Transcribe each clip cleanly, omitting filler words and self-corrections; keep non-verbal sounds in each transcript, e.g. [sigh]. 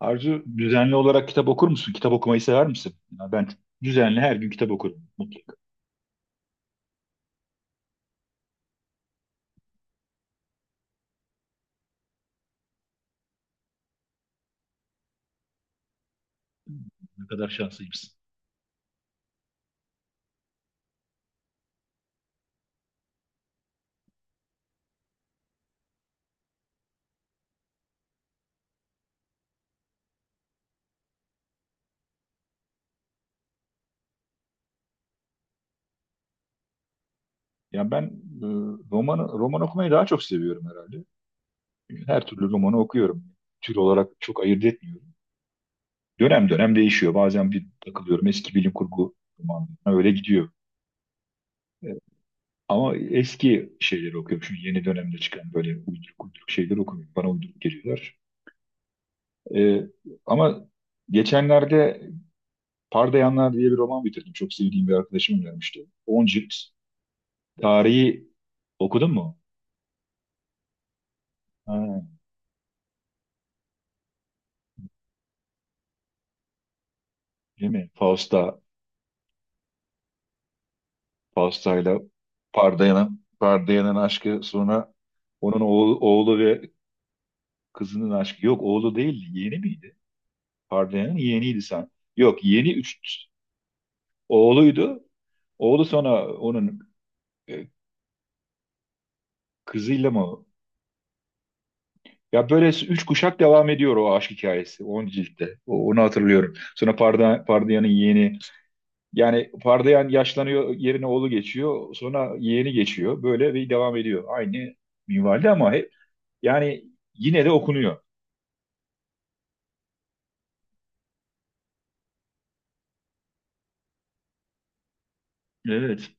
Arzu düzenli olarak kitap okur musun? Kitap okumayı sever misin? Ya ben düzenli her gün kitap okurum mutlaka. Ne kadar şanslıymışsın. Ya ben e, roman okumayı daha çok seviyorum herhalde. Her türlü romanı okuyorum. Tür olarak çok ayırt etmiyorum. Dönem dönem değişiyor. Bazen bir takılıyorum eski bilim kurgu romanlarına öyle gidiyor. E, Ama eski şeyleri okuyorum. Şimdi yeni dönemde çıkan böyle uyduruk uyduruk şeyler okumuyorum. Bana uyduruk geliyorlar. E, ama geçenlerde Pardayanlar diye bir roman bitirdim. Çok sevdiğim bir arkadaşım önermişti. 10 cilt. Tarihi okudun mu? Ha, değil mi? Fausta, Fausta'yla Pardayan'ın aşkı, sonra onun oğlu, oğlu ve kızının aşkı. Yok, oğlu değil, yeğeni miydi? Pardayan'ın yeğeniydi sen. Yok, yeğeni üç oğluydu. Oğlu, sonra onun e, kızıyla mı? Ya böyle üç kuşak devam ediyor o aşk hikayesi, 10 ciltte. Onu hatırlıyorum. Sonra Pardayan'ın yeğeni. Yani Pardayan yaşlanıyor, yerine oğlu geçiyor. Sonra yeğeni geçiyor. Böyle bir devam ediyor. Aynı minvalde ama hep, yani, yine de okunuyor. Evet.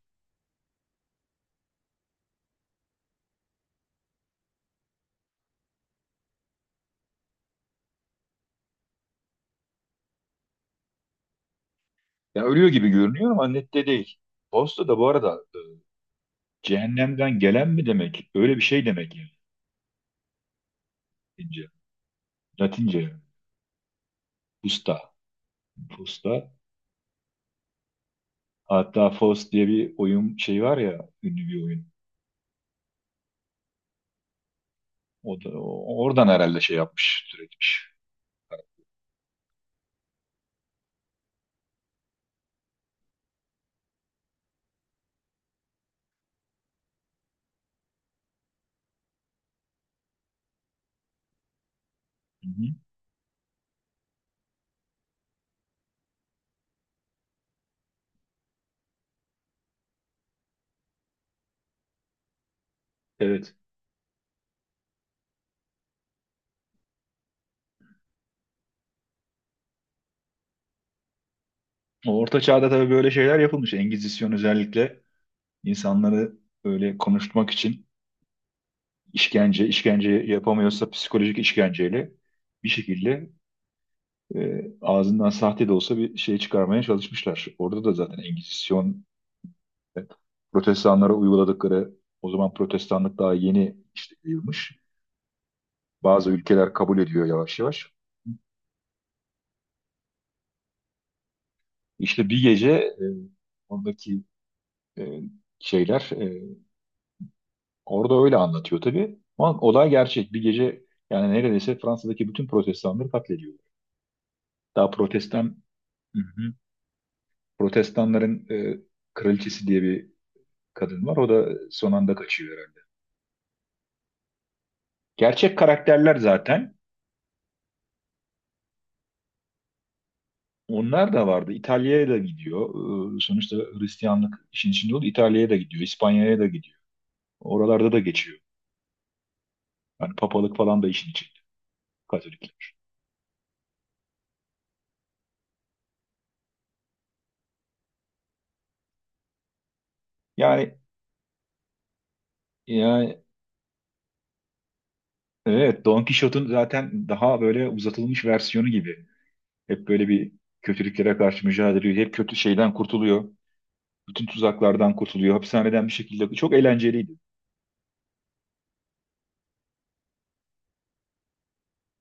Ya ölüyor gibi görünüyor ama nette değil. Posta da bu arada cehennemden gelen mi demek? Öyle bir şey demek yani. Latince. Latince. Pusta. Pusta. Hatta Faust diye bir oyun şey var ya, ünlü bir oyun. O da oradan herhalde şey yapmış, türetmiş. Hı hı. Evet. O Orta Çağ'da tabii böyle şeyler yapılmış. Engizisyon özellikle insanları böyle konuşturmak için işkence, işkence yapamıyorsa psikolojik işkenceyle bir şekilde ağzından sahte de olsa bir şey çıkarmaya çalışmışlar. Orada da zaten Engizisyon, E, Protestanlara uyguladıkları. O zaman Protestanlık daha yeni işte yayılmış. Bazı ülkeler kabul ediyor yavaş yavaş. İşte bir gece oradaki e, şeyler, orada öyle anlatıyor tabii. Ama olay gerçek. Bir gece yani neredeyse Fransa'daki bütün Protestanları katlediyor. Daha Protestan. Hı hı. Protestanların kraliçesi diye bir kadın var. O da son anda kaçıyor herhalde. Gerçek karakterler zaten. Onlar da vardı. İtalya'ya da gidiyor. Sonuçta Hristiyanlık işin içinde oldu. İtalya'ya da gidiyor. İspanya'ya da gidiyor. Oralarda da geçiyor. Yani papalık falan da işin içinde. Katolikler. Yani, yani evet, Don Kişot'un zaten daha böyle uzatılmış versiyonu gibi. Hep böyle bir kötülüklere karşı mücadele ediyor. Hep kötü şeyden kurtuluyor. Bütün tuzaklardan kurtuluyor. Hapishaneden bir şekilde. Çok eğlenceliydi.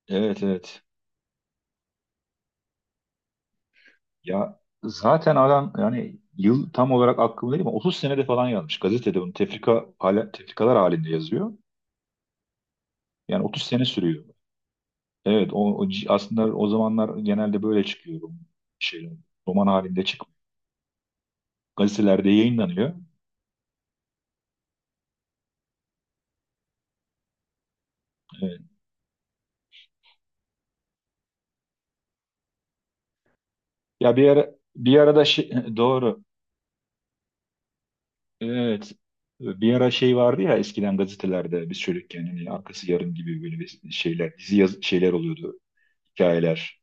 Evet, evet. Ya zaten adam, yani yıl tam olarak aklımda değil ama 30 senede falan yazmış. Gazetede bunu tefrika, hala, tefrikalar halinde yazıyor. Yani 30 sene sürüyor. Evet, o aslında o zamanlar genelde böyle çıkıyor. Şey, roman halinde çıkıyor. Gazetelerde yayınlanıyor. Evet. Ya bir ara, bir arada şey, [laughs] doğru. Evet. Bir ara şey vardı ya, eskiden gazetelerde biz çocukken, hani arkası yarın gibi böyle bir şeyler, dizi yaz, şeyler oluyordu. Hikayeler.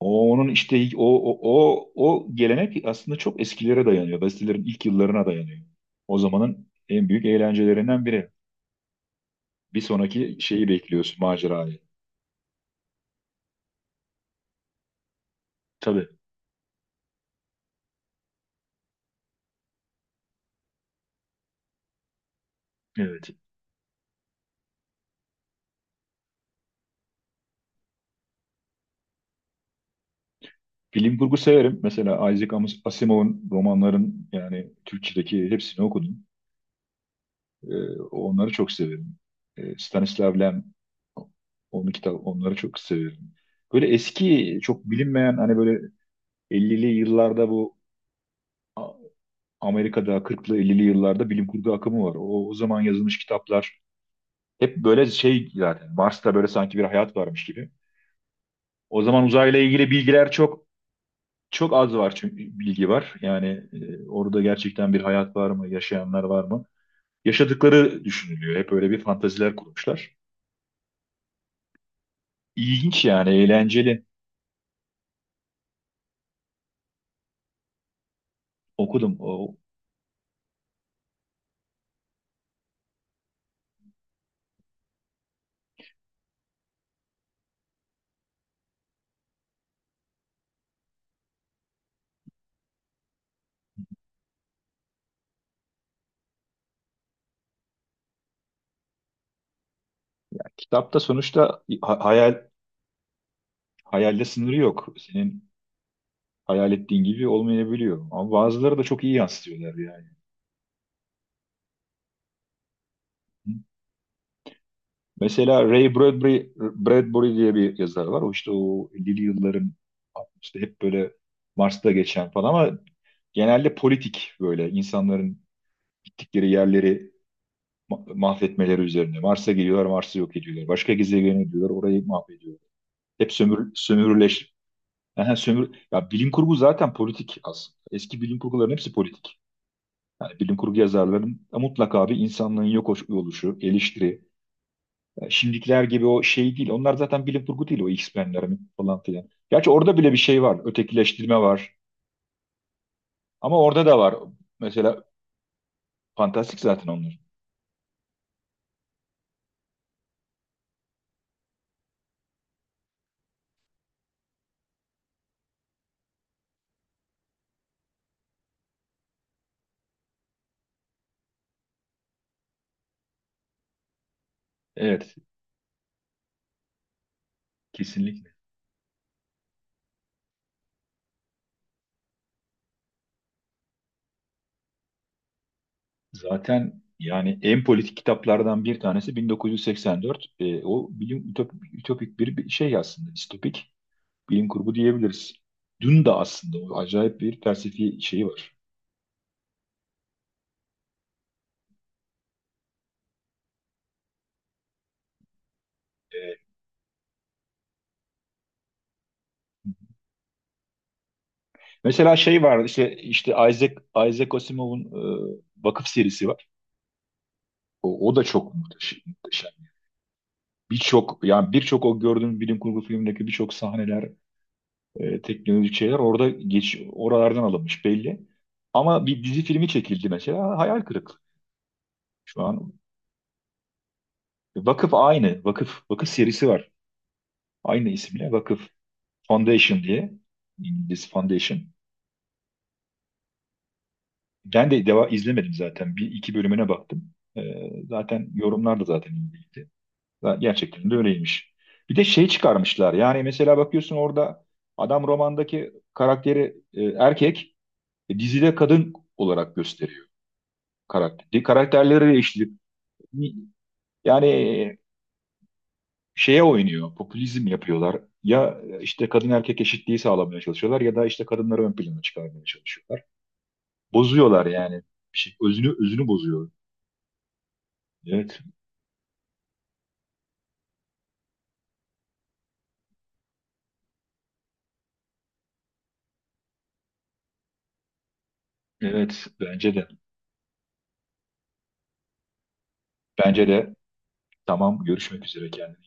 Onun işte o gelenek aslında çok eskilere dayanıyor. Gazetelerin ilk yıllarına dayanıyor. O zamanın en büyük eğlencelerinden biri. Bir sonraki şeyi bekliyorsun, macerayı. Tabii, evet. Bilim kurgu severim. Mesela Asimov'un romanların, yani Türkçedeki hepsini okudum. Onları çok severim. Stanislav Lem, onun kitap, onları çok severim. Böyle eski, çok bilinmeyen hani böyle 50'li yıllarda, Amerika'da 40'lı 50'li yıllarda bilim kurgu akımı var. O zaman yazılmış kitaplar hep böyle şey, zaten Mars'ta böyle sanki bir hayat varmış gibi. O zaman uzayla ilgili bilgiler çok, çok az var, çünkü bilgi var. Yani orada gerçekten bir hayat var mı, yaşayanlar var mı? Yaşadıkları düşünülüyor. Hep öyle bir fantaziler kurmuşlar. İlginç yani, eğlenceli. Okudum. O kitapta sonuçta hayal, hayalde sınırı yok. Senin hayal ettiğin gibi olmayabiliyor. Ama bazıları da çok iyi yansıtıyorlar yani. Mesela Ray Bradbury diye bir yazar var. O işte o 50'li yılların işte hep böyle Mars'ta geçen falan ama genelde politik, böyle insanların gittikleri yerleri mahvetmeleri üzerine. Mars'a geliyorlar, Mars'ı yok ediyorlar. Başka gezegene gidiyorlar, orayı mahvediyorlar. Hep sömür, sömürüleş. Aha, sömür, ya bilim kurgu zaten politik aslında. Eski bilim kurguların hepsi politik. Yani bilim kurgu yazarların mutlaka bir insanlığın yok oluşu, eleştiri. Şimdikiler gibi o şey değil. Onlar zaten bilim kurgu değil, o X-Men'ler falan filan. Gerçi orada bile bir şey var. Ötekileştirme var. Ama orada da var. Mesela fantastik zaten onlar. Evet, kesinlikle. Zaten yani en politik kitaplardan bir tanesi 1984. E, o bilim ütopik, ütopik bir şey aslında. Distopik bilim kurgu diyebiliriz. Dün de aslında o acayip bir felsefi şeyi var. E, mesela şey var, işte Isaac Asimov'un Vakıf serisi var. O da çok muhteşem, muhteşem. Birçok, yani birçok o gördüğüm bilim kurgu filmindeki birçok sahneler, teknolojik şeyler orada geç oralardan alınmış belli. Ama bir dizi filmi çekildi, mesela hayal kırıklığı. Şu an Vakıf aynı. Vakıf serisi var. Aynı isimle Vakıf, Foundation diye. İngiliz Foundation. Ben de deva izlemedim zaten. Bir iki bölümüne baktım. E, zaten yorumlar da zaten iyiydi. Gerçekten de öyleymiş. Bir de şey çıkarmışlar. Yani mesela bakıyorsun orada adam romandaki karakteri erkek, dizide kadın olarak gösteriyor karakter. Karakterleri değişti. Yani şeye oynuyor, popülizm yapıyorlar. Ya işte kadın erkek eşitliği sağlamaya çalışıyorlar ya da işte kadınları ön plana çıkarmaya çalışıyorlar. Bozuyorlar yani. Bir şey, özünü bozuyor. Evet, evet, bence de. Bence de. Tamam, görüşmek üzere, kendine.